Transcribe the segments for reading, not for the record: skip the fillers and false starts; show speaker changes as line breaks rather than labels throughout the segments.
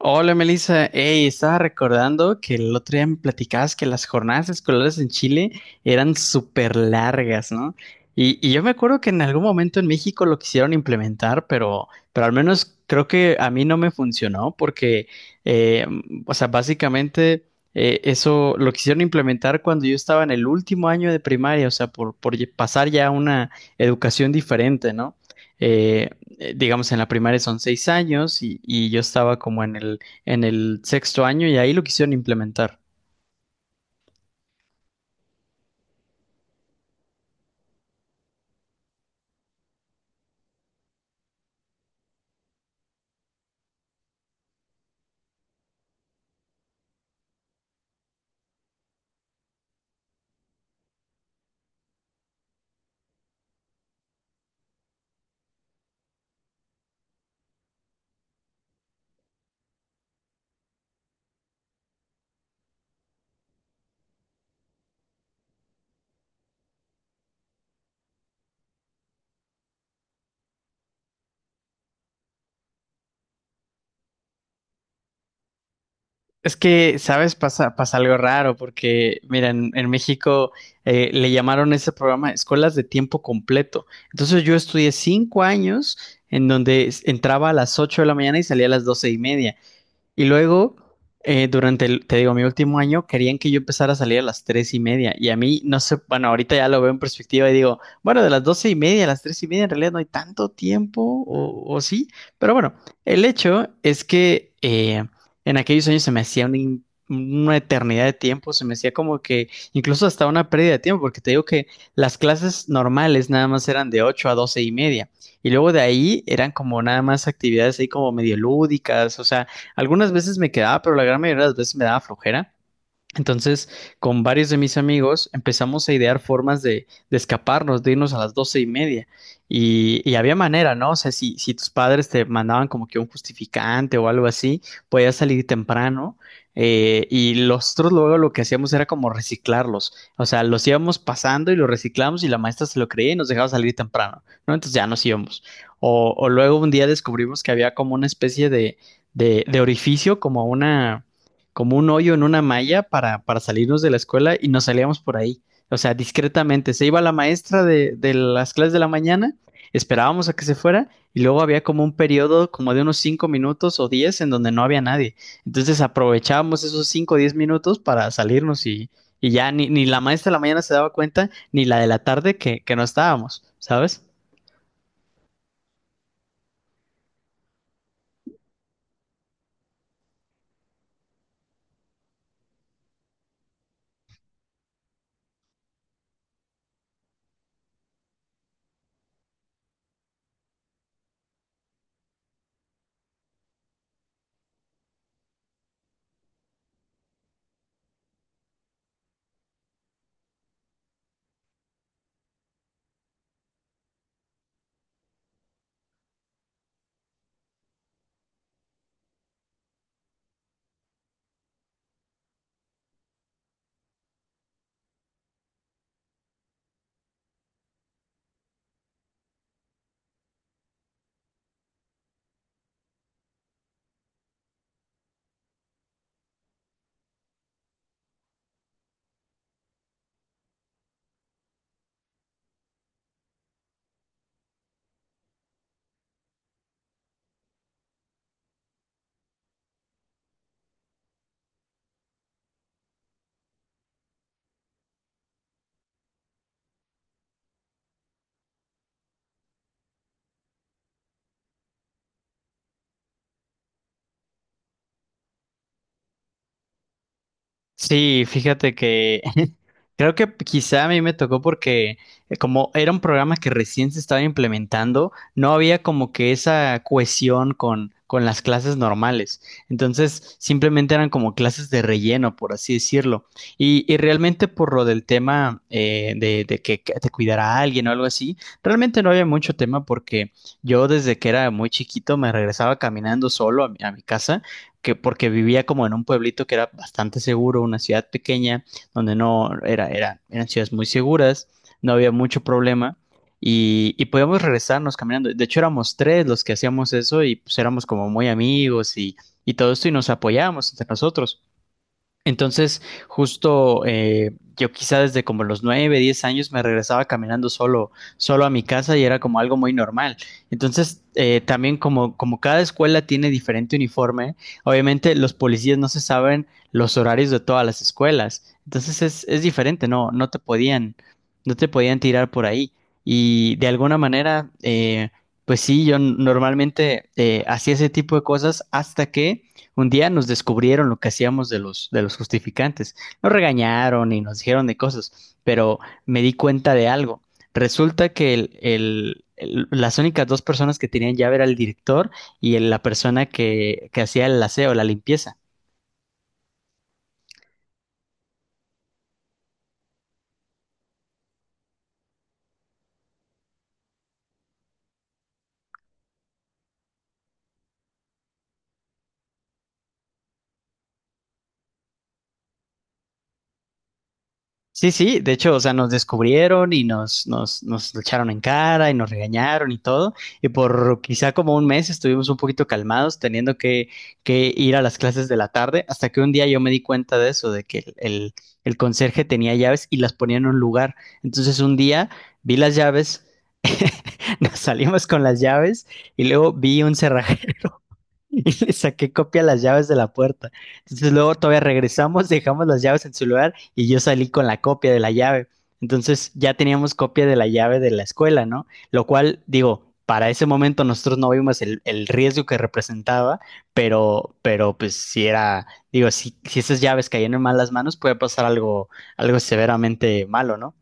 Hola Melissa, ey, estaba recordando que el otro día me platicabas que las jornadas escolares en Chile eran súper largas, ¿no? Y yo me acuerdo que en algún momento en México lo quisieron implementar, pero al menos creo que a mí no me funcionó porque o sea, básicamente eso lo quisieron implementar cuando yo estaba en el último año de primaria, o sea, por pasar ya a una educación diferente, ¿no? Eh, digamos, en la primaria son 6 años y yo estaba como en el sexto año y ahí lo quisieron implementar. Es que, ¿sabes? Pasa, pasa algo raro porque, mira, en México le llamaron ese programa escuelas de tiempo completo. Entonces yo estudié 5 años en donde entraba a las 8 de la mañana y salía a las 12:30. Y luego, durante te digo, mi último año, querían que yo empezara a salir a las 3:30. Y a mí, no sé, bueno, ahorita ya lo veo en perspectiva y digo, bueno, de las 12:30 a las 3:30 en realidad no hay tanto tiempo, o sí. Pero bueno, el hecho es que en aquellos años se me hacía una eternidad de tiempo, se me hacía como que incluso hasta una pérdida de tiempo, porque te digo que las clases normales nada más eran de 8 a 12:30. Y luego de ahí eran como nada más actividades ahí como medio lúdicas, o sea, algunas veces me quedaba, pero la gran mayoría de las veces me daba flojera. Entonces, con varios de mis amigos empezamos a idear formas de escaparnos, de irnos a las 12:30. Y había manera, ¿no? O sea, si tus padres te mandaban como que un justificante o algo así, podías salir temprano. Y nosotros luego lo que hacíamos era como reciclarlos. O sea, los íbamos pasando y los reciclamos y la maestra se lo creía y nos dejaba salir temprano, ¿no? Entonces ya nos íbamos. O luego un día descubrimos que había como una especie de, de orificio, como una como un hoyo en una malla para salirnos de la escuela y nos salíamos por ahí. O sea, discretamente. Se iba la maestra de las clases de la mañana, esperábamos a que se fuera y luego había como un periodo como de unos 5 minutos o 10 en donde no había nadie. Entonces aprovechábamos esos 5 o 10 minutos para salirnos y ya ni, ni la maestra de la mañana se daba cuenta, ni la de la tarde que no estábamos, ¿sabes? Sí, fíjate que creo que quizá a mí me tocó porque como era un programa que recién se estaba implementando, no había como que esa cohesión con las clases normales. Entonces, simplemente eran como clases de relleno, por así decirlo. Y realmente por lo del tema de, de que te cuidara alguien o algo así, realmente no había mucho tema porque yo desde que era muy chiquito me regresaba caminando solo a mi casa que porque vivía como en un pueblito que era bastante seguro, una ciudad pequeña, donde no era, era, eran ciudades muy seguras, no había mucho problema y podíamos regresarnos caminando. De hecho, éramos tres los que hacíamos eso y pues éramos como muy amigos y todo esto y nos apoyábamos entre nosotros. Entonces, justo yo quizá desde como los 9 10 años me regresaba caminando solo a mi casa y era como algo muy normal. Entonces, también como, como cada escuela tiene diferente uniforme, obviamente los policías no se saben los horarios de todas las escuelas. Entonces es diferente, no te podían tirar por ahí. Y de alguna manera, pues sí, yo normalmente hacía ese tipo de cosas hasta que un día nos descubrieron lo que hacíamos de los justificantes. Nos regañaron y nos dijeron de cosas, pero me di cuenta de algo. Resulta que el- las únicas dos personas que tenían llave era el director y la persona que hacía el aseo, la limpieza. Sí, sí, de hecho, o sea, nos descubrieron y nos lo echaron en cara y nos regañaron y todo. Y por quizá como un mes estuvimos un poquito calmados, teniendo que ir a las clases de la tarde, hasta que un día yo me di cuenta de eso, de que el conserje tenía llaves y las ponía en un lugar. Entonces un día vi las llaves, nos salimos con las llaves y luego vi un cerrajero. Y le saqué copia a las llaves de la puerta. Entonces luego todavía regresamos, dejamos las llaves en su lugar y yo salí con la copia de la llave. Entonces ya teníamos copia de la llave de la escuela, ¿no? Lo cual, digo, para ese momento nosotros no vimos el riesgo que representaba, pero pues si era, digo, si esas llaves caían en malas manos, puede pasar algo, algo severamente malo, ¿no?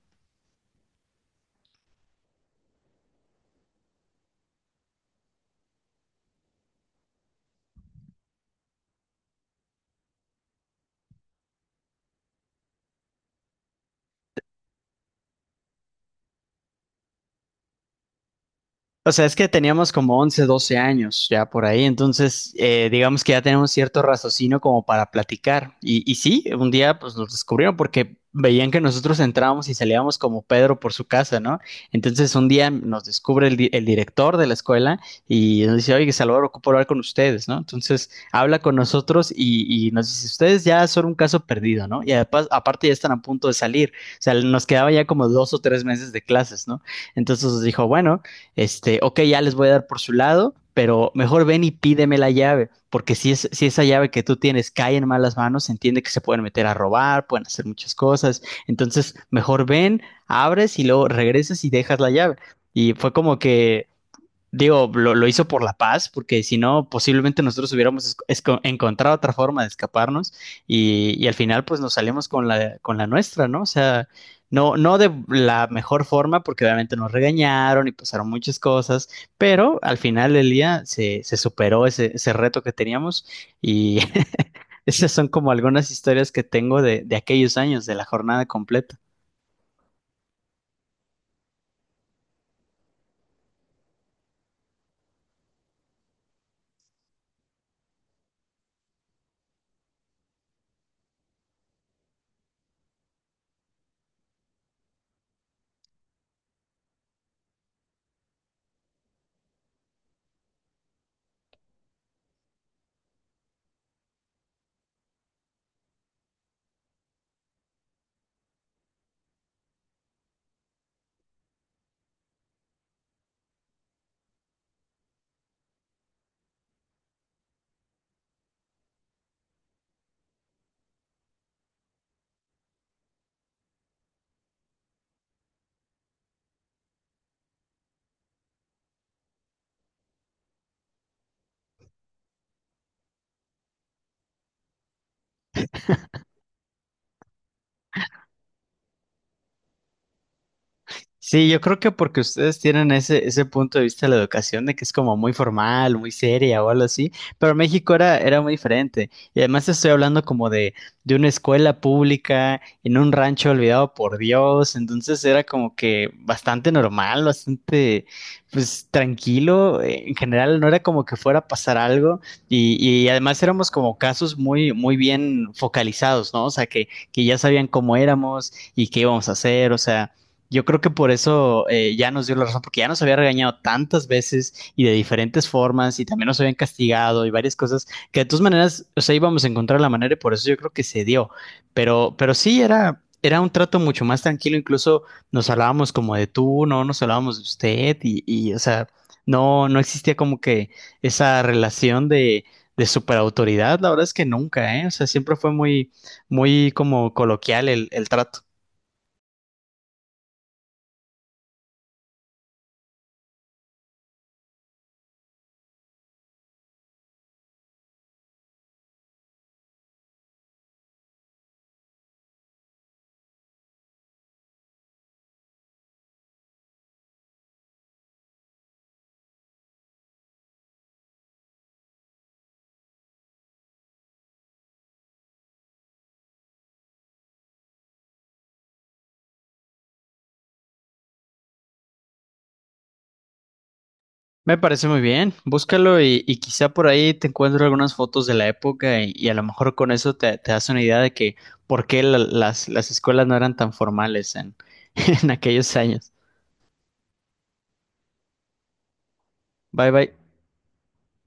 O sea, es que teníamos como 11, 12 años ya por ahí, entonces digamos que ya tenemos cierto raciocinio como para platicar. Y sí, un día pues nos descubrieron porque veían que nosotros entrábamos y salíamos como Pedro por su casa, ¿no? Entonces un día nos descubre el director de la escuela y nos dice, oye, Salvador, ocupo hablar con ustedes, ¿no? Entonces habla con nosotros y nos dice, ustedes ya son un caso perdido, ¿no? Y además, aparte ya están a punto de salir, o sea, nos quedaba ya como 2 o 3 meses de clases, ¿no? Entonces nos dijo, bueno, este, ok, ya les voy a dar por su lado, pero mejor ven y pídeme la llave, porque si, es, si esa llave que tú tienes cae en malas manos, se entiende que se pueden meter a robar, pueden hacer muchas cosas, entonces mejor ven, abres y luego regresas y dejas la llave. Y fue como que digo, hizo por la paz, porque si no, posiblemente nosotros hubiéramos encontrado otra forma de escaparnos y al final pues nos salimos con la nuestra, ¿no? O sea, no de la mejor forma, porque obviamente nos regañaron y pasaron muchas cosas, pero al final del día se superó ese reto que teníamos y esas son como algunas historias que tengo de aquellos años, de la jornada completa. Sí, yo creo que porque ustedes tienen ese punto de vista de la educación de que es como muy formal, muy seria o algo así, pero México era muy diferente. Y además estoy hablando como de una escuela pública en un rancho olvidado por Dios, entonces era como que bastante normal, bastante pues tranquilo, en general no era como que fuera a pasar algo y además éramos como casos muy, muy bien focalizados, ¿no? O sea, que ya sabían cómo éramos y qué íbamos a hacer, o sea yo creo que por eso ya nos dio la razón, porque ya nos había regañado tantas veces y de diferentes formas y también nos habían castigado y varias cosas que de todas maneras, o sea, íbamos a encontrar la manera y por eso yo creo que se dio. Pero sí era un trato mucho más tranquilo, incluso nos hablábamos como de tú, no nos hablábamos de usted y o sea, no existía como que esa relación de superautoridad, la verdad es que nunca, ¿eh? O sea, siempre fue muy, muy como coloquial el trato. Me parece muy bien, búscalo y quizá por ahí te encuentro algunas fotos de la época y a lo mejor con eso te das una idea de que por qué las escuelas no eran tan formales en aquellos años. Bye bye.